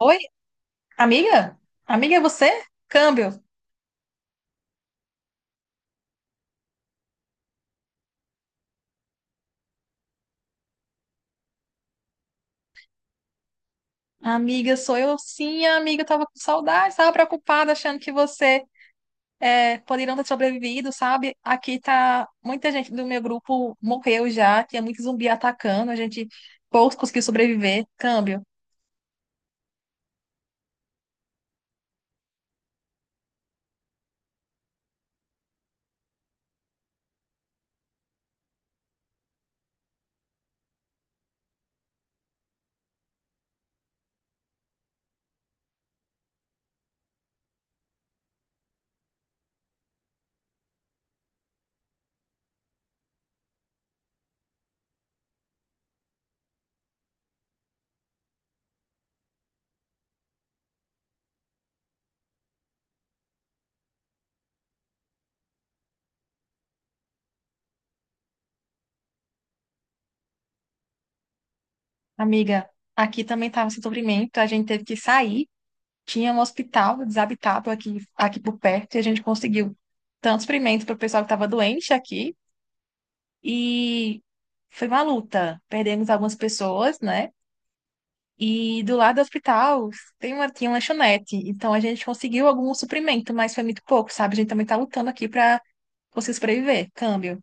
Oi, amiga? Amiga, é você? Câmbio. Amiga, sou eu sim, amiga. Eu tava com saudade, tava preocupada, achando que você poderia não ter sobrevivido, sabe? Aqui tá. Muita gente do meu grupo morreu já, tinha muito zumbi atacando, a gente poucos conseguiu sobreviver. Câmbio. Amiga, aqui também tava sem sofrimento, a gente teve que sair. Tinha um hospital desabitado aqui, aqui por perto e a gente conseguiu tanto suprimento para o pessoal que estava doente aqui e foi uma luta. Perdemos algumas pessoas, né? E do lado do hospital tinha uma lanchonete. Então a gente conseguiu algum suprimento, mas foi muito pouco, sabe? A gente também tá lutando aqui pra conseguir sobreviver. Câmbio.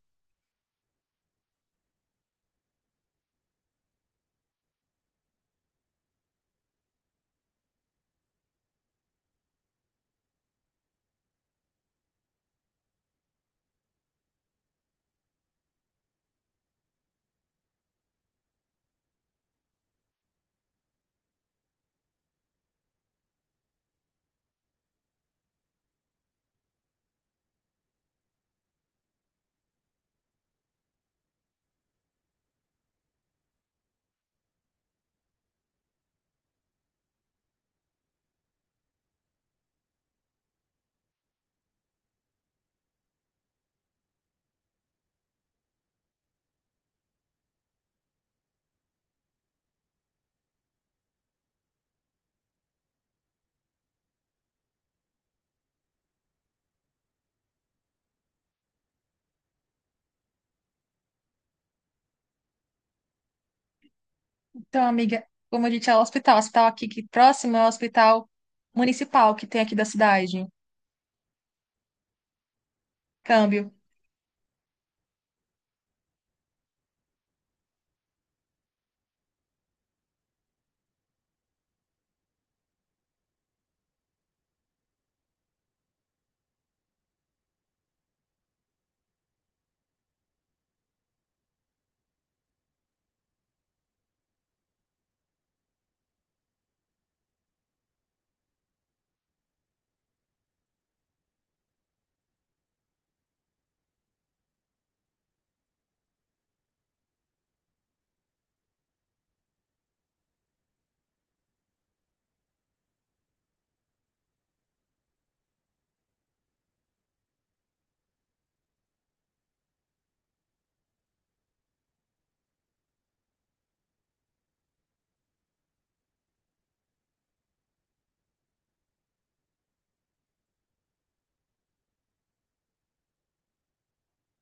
Então, amiga, como a gente é o hospital aqui que próximo é o hospital municipal que tem aqui da cidade. Câmbio.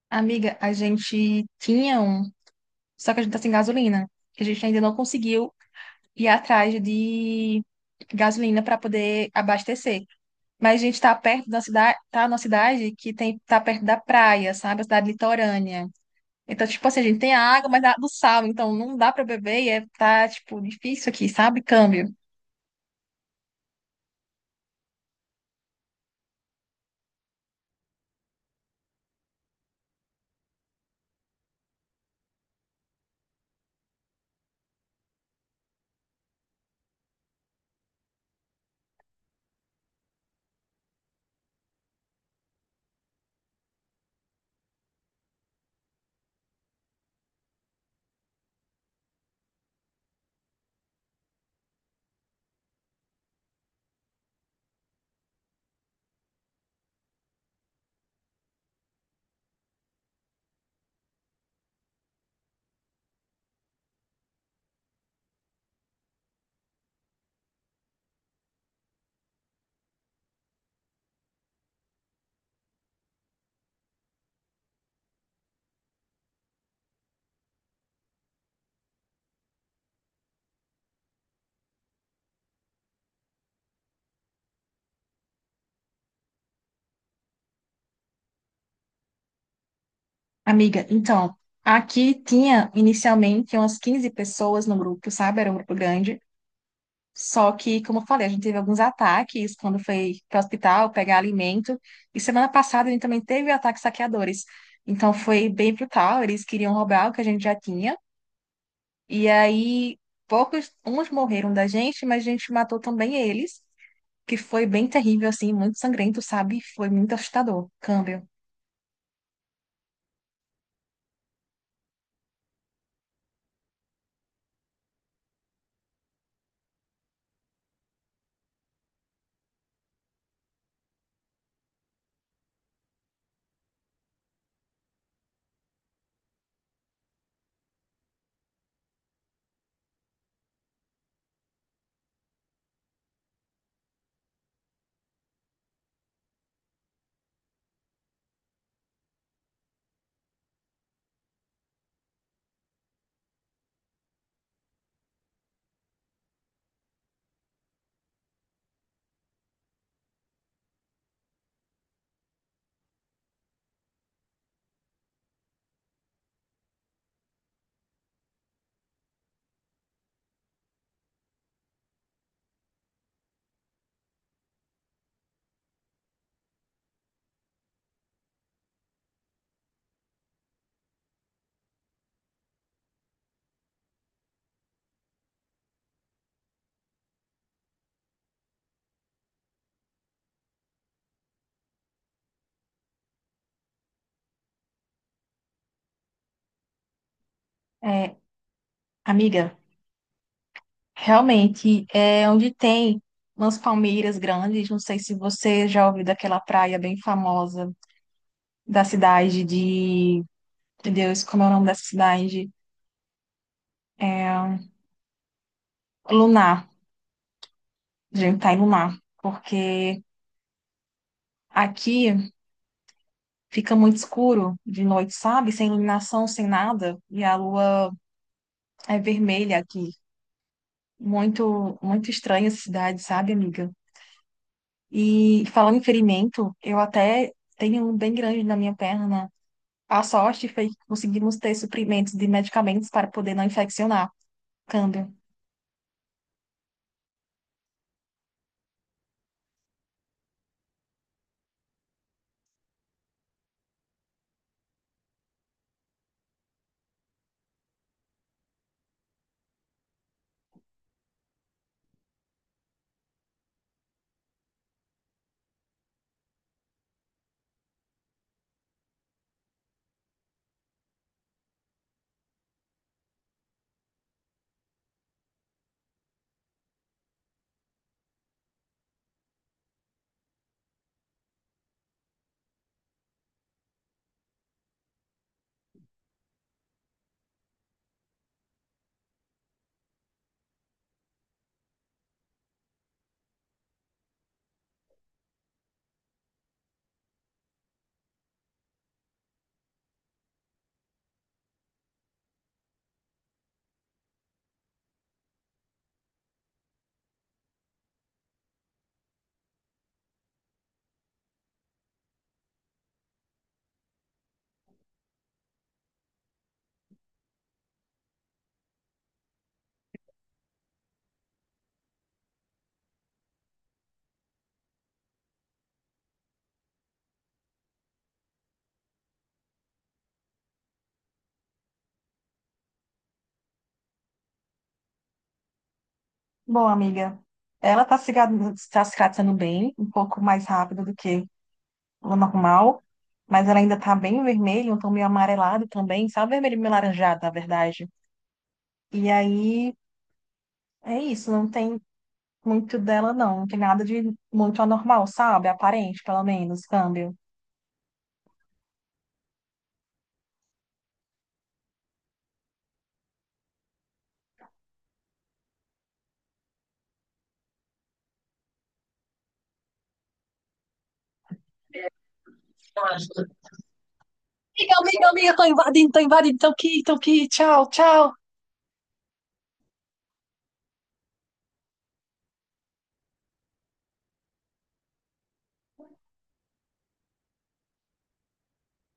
Amiga, a gente tinha um, só que a gente tá sem gasolina. Que A gente ainda não conseguiu ir atrás de gasolina para poder abastecer. Mas a gente tá perto da cidade, tá numa cidade tá perto da praia, sabe? A cidade litorânea. Então, tipo assim, a gente tem a água, mas do sal, então não dá pra beber e tá, tipo, difícil aqui, sabe? Câmbio. Amiga, então, aqui tinha inicialmente umas 15 pessoas no grupo, sabe? Era um grupo grande. Só que, como eu falei, a gente teve alguns ataques quando foi para o hospital pegar alimento. E semana passada a gente também teve ataques saqueadores. Então foi bem brutal, eles queriam roubar o que a gente já tinha. E aí, poucos, uns morreram da gente, mas a gente matou também eles, que foi bem terrível, assim, muito sangrento, sabe? Foi muito assustador. Câmbio. É, Amiga, realmente, é onde tem umas palmeiras grandes, não sei se você já ouviu daquela praia bem famosa da cidade de... Meu Deus, como é o nome dessa cidade? É, Lunar. A gente tá em Lunar, porque aqui fica muito escuro de noite, sabe? Sem iluminação, sem nada. E a lua é vermelha aqui. Muito, muito estranha essa cidade, sabe, amiga? E falando em ferimento, eu até tenho um bem grande na minha perna, né? A sorte foi que conseguimos ter suprimentos de medicamentos para poder não infeccionar. Câmbio. Bom, amiga, ela está se gra- tá se tratando bem, um pouco mais rápido do que o normal, mas ela ainda está bem vermelha, um tom meio amarelado também, sabe? Vermelho meio laranjado, na verdade. E aí é isso, não tem muito dela, não. Não tem nada de muito anormal, sabe? Aparente, pelo menos, câmbio. Eu acho. Amiga, amiga, amiga, tô invadindo, tô invadindo, tô aqui, tchau, tchau.